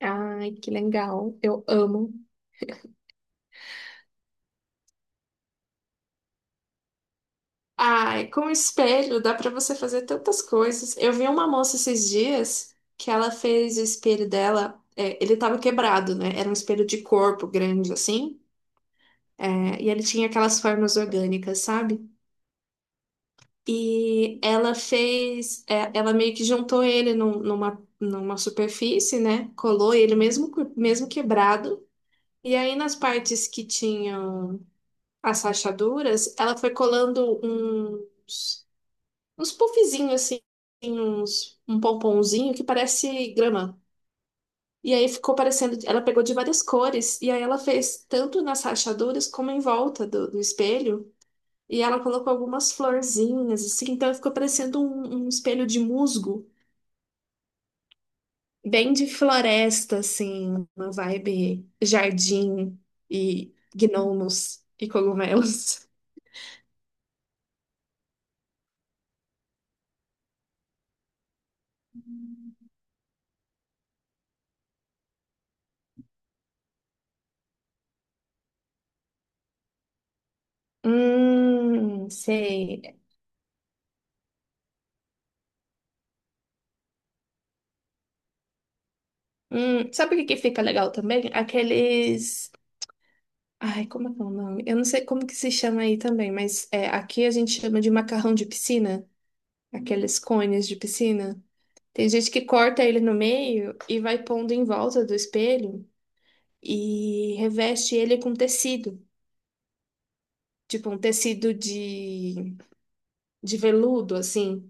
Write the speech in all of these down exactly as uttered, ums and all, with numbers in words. Ai, que legal. Eu amo. Ai, com o espelho dá pra você fazer tantas coisas. Eu vi uma moça esses dias que ela fez o espelho dela, é, ele tava quebrado, né? Era um espelho de corpo grande assim, é, e ele tinha aquelas formas orgânicas, sabe? E ela fez, é, ela meio que juntou ele num- numa, numa superfície, né? Colou ele mesmo, mesmo quebrado. E aí nas partes que tinham as rachaduras, ela foi colando uns, uns puffzinhos assim, uns, um pomponzinho que parece grama. E aí ficou parecendo, ela pegou de várias cores, e aí ela fez tanto nas rachaduras como em volta do, do espelho. E ela colocou algumas florzinhas, assim, então ficou parecendo um, um espelho de musgo, bem de floresta, assim, uma vibe jardim e gnomos e cogumelos. Hum, sei. Hum, sabe o que que fica legal também? Aqueles. Ai, como é que é o nome? Eu não sei como que se chama aí também, mas é, aqui a gente chama de macarrão de piscina, aqueles cones de piscina. Tem gente que corta ele no meio e vai pondo em volta do espelho e reveste ele com tecido, tipo um tecido de, de veludo, assim.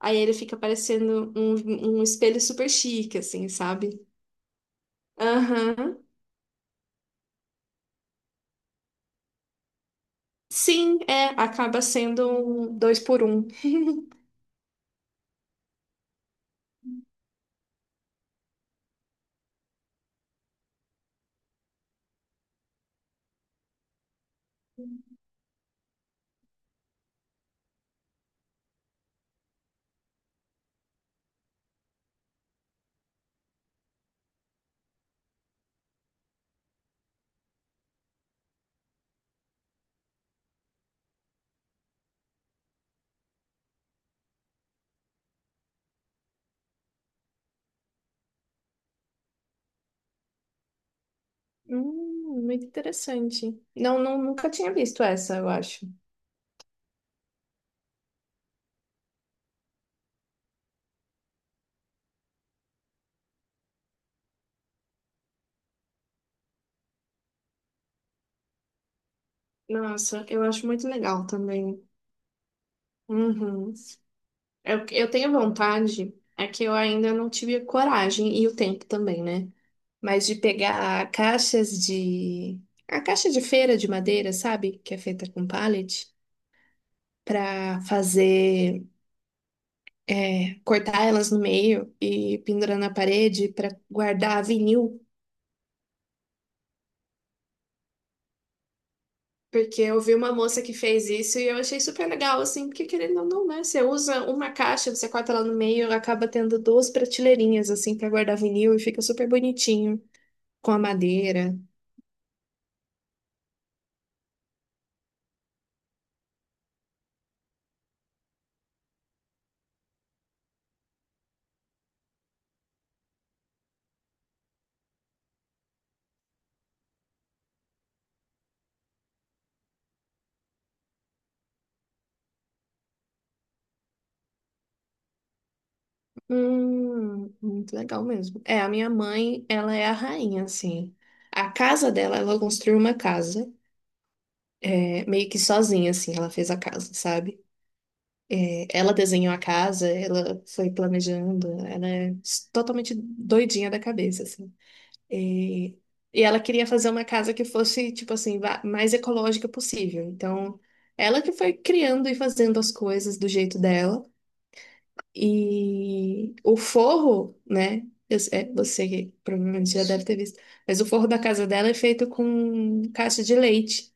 Aí ele fica parecendo um, um espelho super chique, assim, sabe? Aham. Sim, é, acaba sendo um dois por um. Hum, muito interessante. Não, não, nunca tinha visto essa, eu acho. Nossa, eu acho muito legal também. Uhum. Eu, eu tenho vontade, é que eu ainda não tive a coragem e o tempo também, né? Mas de pegar caixas de. A caixa de feira de madeira, sabe? Que é feita com pallet, para fazer. É, cortar elas no meio e pendurar na parede para guardar vinil. Porque eu vi uma moça que fez isso e eu achei super legal, assim, porque querendo ou não, né? Você usa uma caixa, você corta ela no meio, acaba tendo duas prateleirinhas, assim, pra guardar vinil e fica super bonitinho, com a madeira. Hum, muito legal mesmo. É, a minha mãe, ela é a rainha, assim. A casa dela, ela construiu uma casa, é, meio que sozinha, assim, ela fez a casa, sabe? É, ela desenhou a casa, ela foi planejando, ela é totalmente doidinha da cabeça, assim. E, e ela queria fazer uma casa que fosse, tipo assim, va- mais ecológica possível. Então, ela que foi criando e fazendo as coisas do jeito dela. E o forro, né? eu é, você que provavelmente já deve ter visto, mas o forro da casa dela é feito com caixa de leite.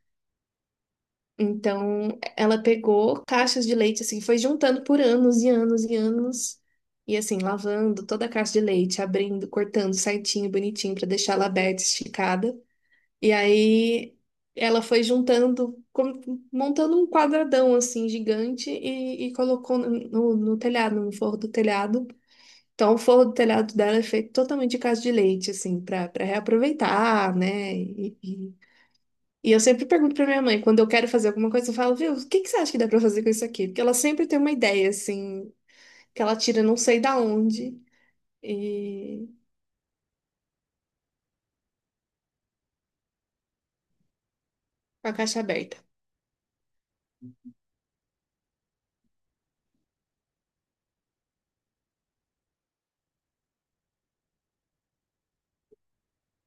Então, ela pegou caixas de leite, assim, foi juntando por anos e anos e anos. E assim, lavando toda a caixa de leite, abrindo, cortando certinho, bonitinho, para deixar ela aberta, esticada. E aí ela foi juntando, como- montando um quadradão assim gigante e, e colocou no, no telhado, no forro do telhado. Então, o forro do telhado dela é feito totalmente de casa de leite, assim, para para reaproveitar, né? E, e- e eu sempre pergunto para minha mãe, quando eu quero fazer alguma coisa, eu falo, viu, o que que você acha que dá para fazer com isso aqui? Porque ela sempre tem uma ideia, assim, que ela tira não sei da onde e com a caixa aberta.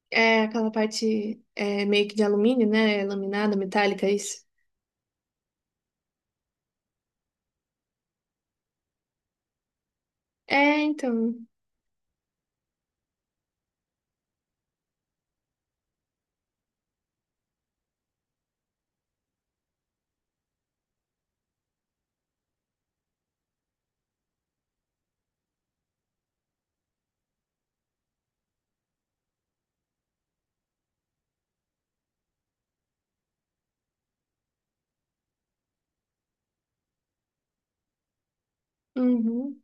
É aquela parte é, meio que de alumínio, né? Laminada, metálica, é isso. É, então. Uhum.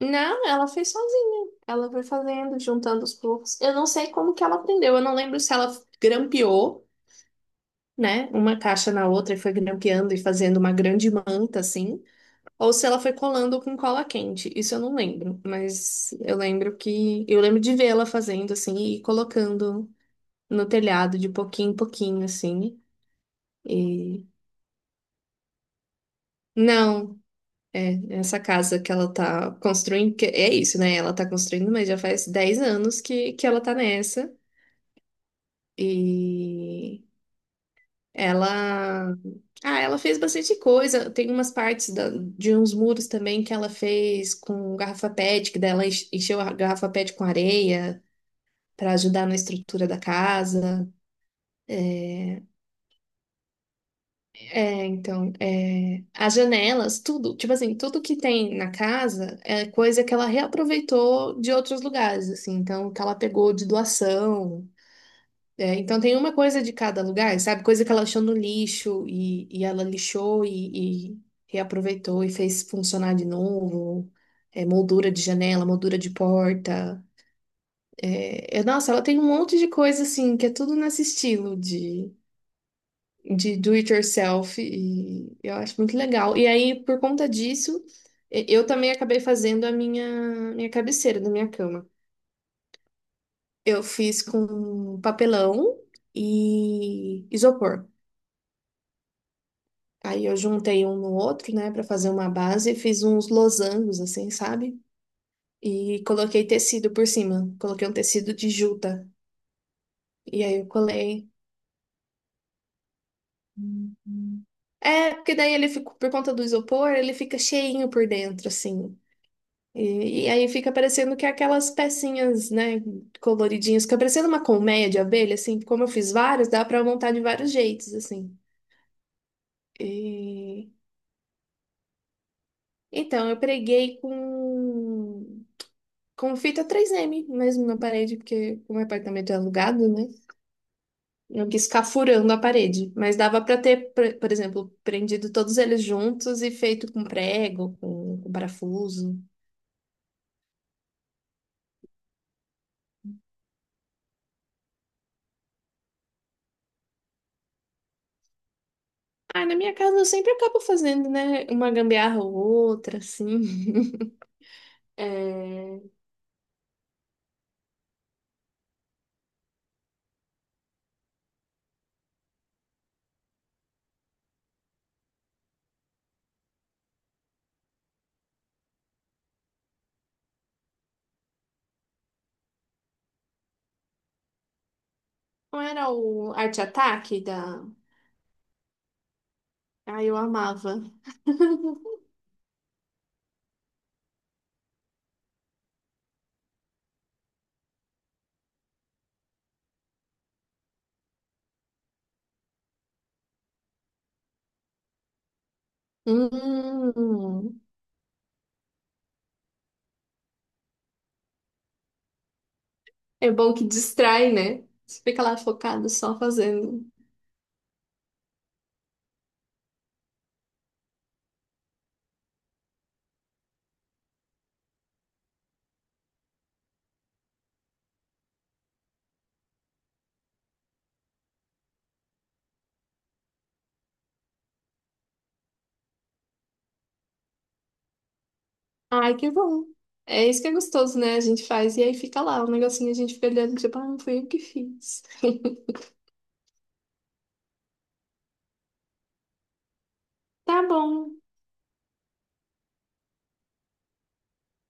Não, ela fez sozinha. Ela foi fazendo, juntando os poucos. Eu não sei como que ela aprendeu. Eu não lembro se ela grampeou, né, uma caixa na outra e foi grampeando e fazendo uma grande manta assim, ou se ela foi colando com cola quente. Isso eu não lembro, mas eu lembro que eu lembro de vê-la fazendo assim e colocando no telhado de pouquinho em pouquinho assim. E não. É, essa casa que ela tá construindo, que é isso, né? Ela tá construindo, mas já faz dez anos que, que ela tá nessa. E ela. Ah, ela fez bastante coisa. Tem umas partes da- de uns muros também que ela fez com garrafa P E T, que dela encheu a garrafa P E T com areia para ajudar na estrutura da casa. É, é, então, é, as janelas, tudo, tipo assim, tudo que tem na casa é coisa que ela reaproveitou de outros lugares, assim, então, que ela pegou de doação. É, então, tem uma coisa de cada lugar, sabe? Coisa que ela achou no lixo e, e ela lixou e, e reaproveitou e fez funcionar de novo. É, moldura de janela, moldura de porta. É, é, nossa, ela tem um monte de coisa, assim, que é tudo nesse estilo de de do it yourself e eu acho muito legal. E aí, por conta disso, e- eu também acabei fazendo a minha, minha cabeceira da minha cama. Eu fiz com papelão e isopor. Aí eu juntei um no outro, né, para fazer uma base e fiz uns losangos assim, sabe? E coloquei tecido por cima. Coloquei um tecido de juta. E aí eu colei. Uhum. É, porque daí ele ficou, por conta do isopor, ele fica cheinho por dentro, assim. E, e aí fica parecendo que é aquelas pecinhas, né, coloridinhas, fica parecendo uma colmeia de abelha, assim, como eu fiz vários, dá pra montar de vários jeitos, assim. E- Então, eu preguei com, com fita três M mesmo na parede, porque o meu apartamento é alugado, né? Eu quis ficar furando a parede, mas dava pra ter, pre- por exemplo, prendido todos eles juntos e feito com prego, com, com parafuso. Ah, na minha casa eu sempre acabo fazendo, né, uma gambiarra ou outra, assim. É, não era o Arte Ataque da. Ai, eu amava. Hum, é bom que distrai, né? Você fica lá focado só fazendo. Ai, que bom. É isso que é gostoso, né? A gente faz e aí fica lá, o negocinho a gente fica olhando, tipo, ah, não fui eu que fiz. Tá bom.